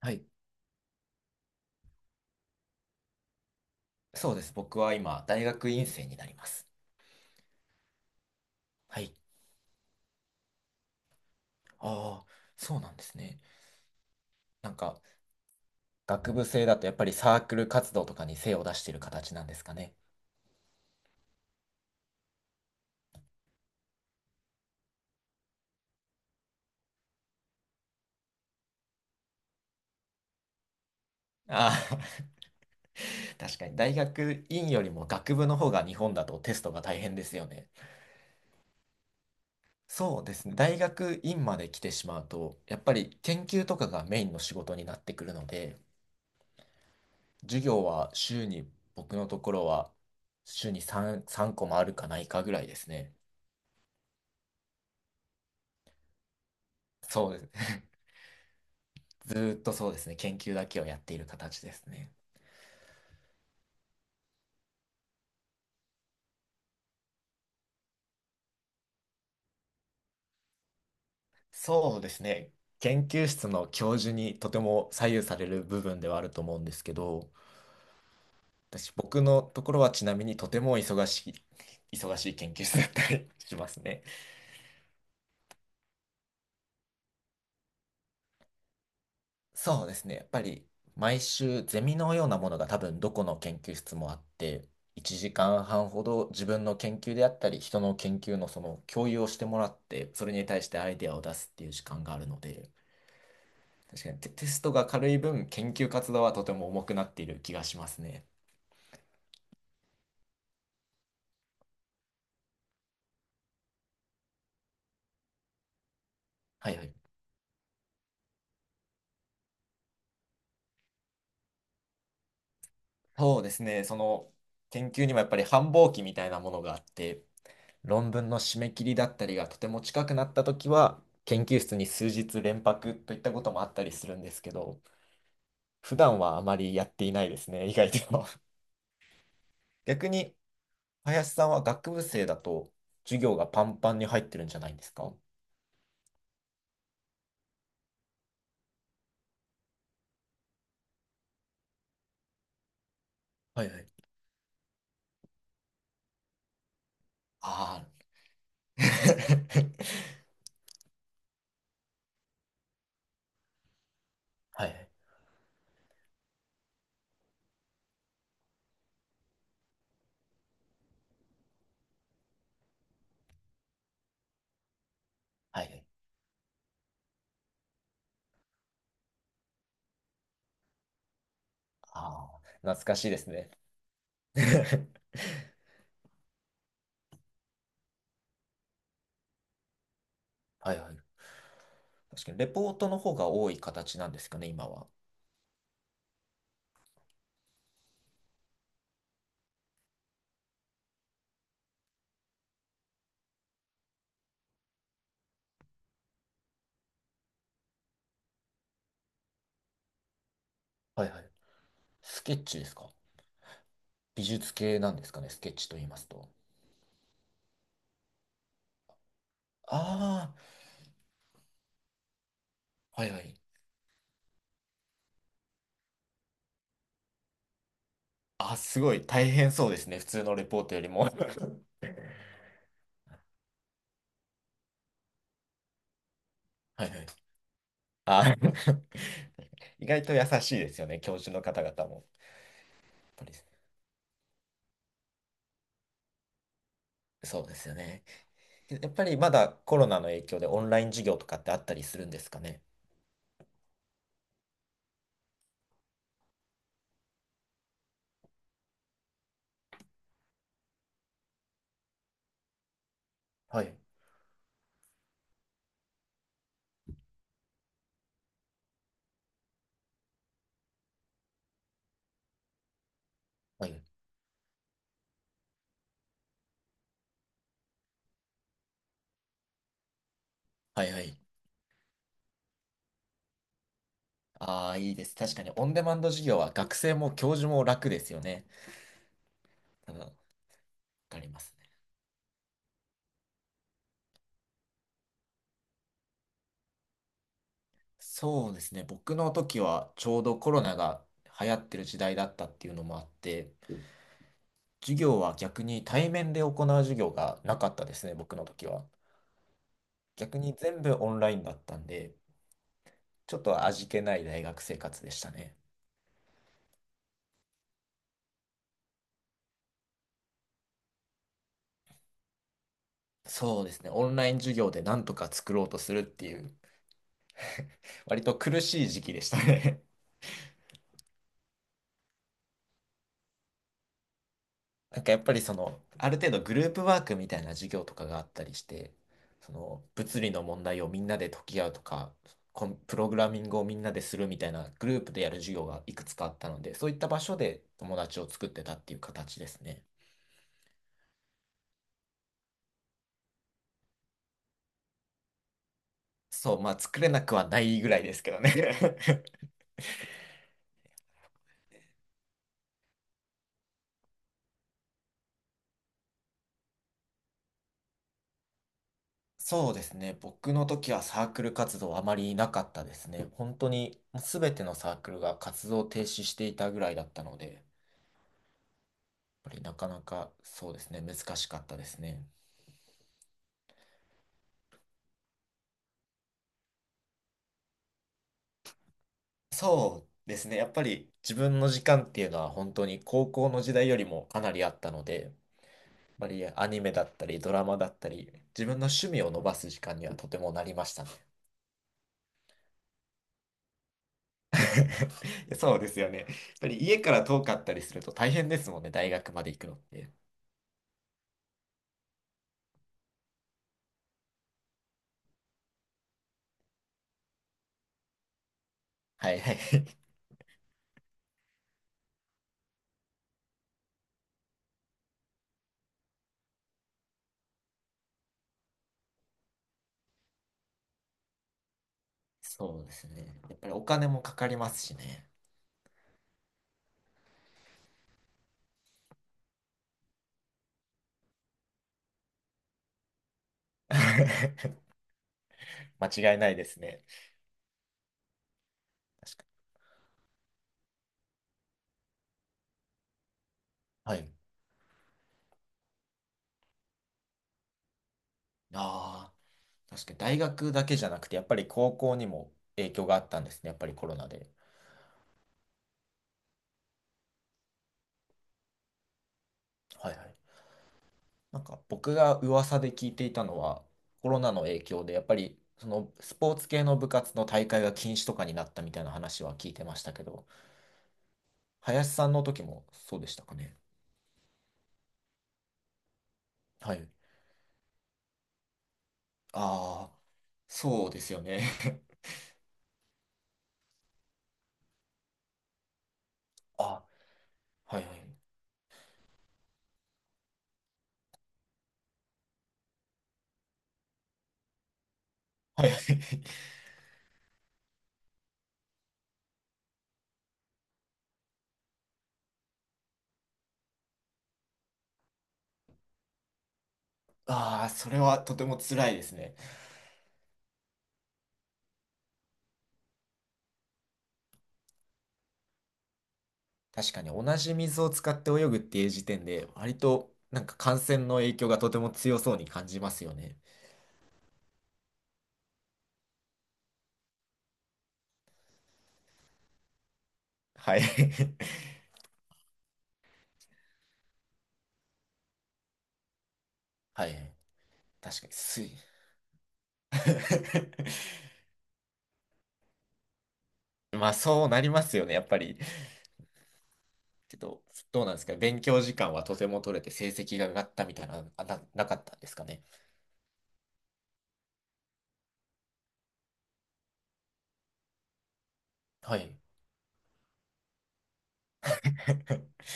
はい。そうです。僕は今、大学院生になります。はい。ああ、そうなんですね。なんか、学部生だとやっぱりサークル活動とかに精を出してる形なんですかね。ああ、確かに。大学院よりも学部の方が日本だとテストが大変ですよね。そうですね。大学院まで来てしまうと、やっぱり研究とかがメインの仕事になってくるので、授業は週に、僕のところは週に3個もあるかないかぐらいですね。そうです。ずーっとそうですね、研究だけをやっている形ですね。そうですね、研究室の教授にとても左右される部分ではあると思うんですけど、私、僕のところはちなみにとても忙しい研究室だったりしますね。そうですね、やっぱり毎週ゼミのようなものが多分どこの研究室もあって、1時間半ほど自分の研究であったり、人の研究のその共有をしてもらって、それに対してアイデアを出すっていう時間があるので、確かにテストが軽い分、研究活動はとても重くなっている気がしますね。はいはい。そうですね、その研究にもやっぱり繁忙期みたいなものがあって、論文の締め切りだったりがとても近くなったときは、研究室に数日連泊といったこともあったりするんですけど、普段はあまりやっていないですね、意外と。逆に、林さんは学部生だと授業がパンパンに入ってるんじゃないんですか？はいはい。ああー。はいはい。はいはい。ああ、懐かしいですね。はいはい。確かに、レポートの方が多い形なんですかね、今は。はいはい。スケッチですか？美術系なんですかね、スケッチと言いますと。ああ、はいはい。あ、すごい大変そうですね。普通のレポートよりも。はいはい。あー。 意外と優しいですよね、教授の方々も。やっぱり。そうですよね。やっぱりまだコロナの影響でオンライン授業とかってあったりするんですかね。はい。はい。はいはい。ああ、いいです。確かに、オンデマンド授業は学生も教授も楽ですよね。多分、わかりますね。そうですね。僕の時はちょうどコロナが流行ってる時代だったっていうのもあって、授業は逆に対面で行う授業がなかったですね、僕の時は。逆に全部オンラインだったんで、ちょっと味気ない大学生活でしたね。そうですね。オンライン授業でなんとか作ろうとするっていう、割と苦しい時期でしたね。なんかやっぱりその、ある程度グループワークみたいな授業とかがあったりして、その物理の問題をみんなで解き合うとか、コンプログラミングをみんなでするみたいなグループでやる授業がいくつかあったので、そういった場所で友達を作ってたっていう形ですね。そう、まあ作れなくはないぐらいですけどね。そうですね。僕の時はサークル活動あまりなかったですね。本当にもう全てのサークルが活動を停止していたぐらいだったので、やっぱりなかなかそうですね、難しかったですね。そうですね。やっぱり自分の時間っていうのは本当に高校の時代よりもかなりあったので、やっぱりアニメだったりドラマだったり、自分の趣味を伸ばす時間にはとてもなりましたね。そうですよね。やっぱり家から遠かったりすると大変ですもんね、大学まで行くのって。はいはい。そうですね。やっぱりお金もかかりますしね。間違いないですね。確かに。はい。ああ。確かに大学だけじゃなくて、やっぱり高校にも影響があったんですね、やっぱりコロナで。はいはい。なんか僕が噂で聞いていたのは、コロナの影響で、やっぱりそのスポーツ系の部活の大会が禁止とかになったみたいな話は聞いてましたけど、林さんの時もそうでしたかね。はい。ああ、そうですよね。あ、はいはい。はいはい。ああ、それはとても辛いですね。確かに同じ水を使って泳ぐっていう時点で、割となんか感染の影響がとても強そうに感じますよね。はい。はい。確かに水。まあそうなりますよね、やっぱり。けど、どうなんですか？勉強時間はとても取れて成績が上がったみたいな、なかったんですかね。はい。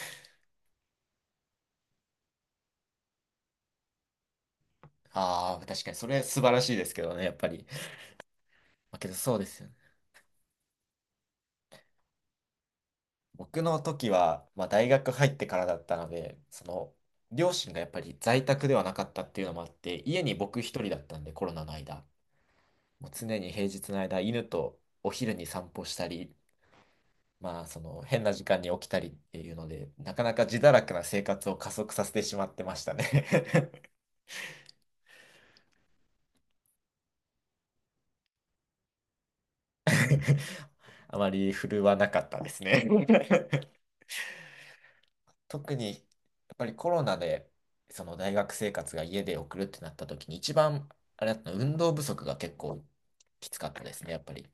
ああ、確かにそれ素晴らしいですけどね、やっぱり。まあけどそうですよね。僕の時は、まあ、大学入ってからだったので、その、両親がやっぱり在宅ではなかったっていうのもあって、家に僕一人だったんで、コロナの間。もう常に平日の間、犬とお昼に散歩したり、まあ、その、変な時間に起きたりっていうので、なかなか自堕落な生活を加速させてしまってましたね。あまり振るわなかったですね。特にやっぱりコロナでその大学生活が家で送るってなった時に一番あれだったの運動不足が結構きつかったですね、やっぱり。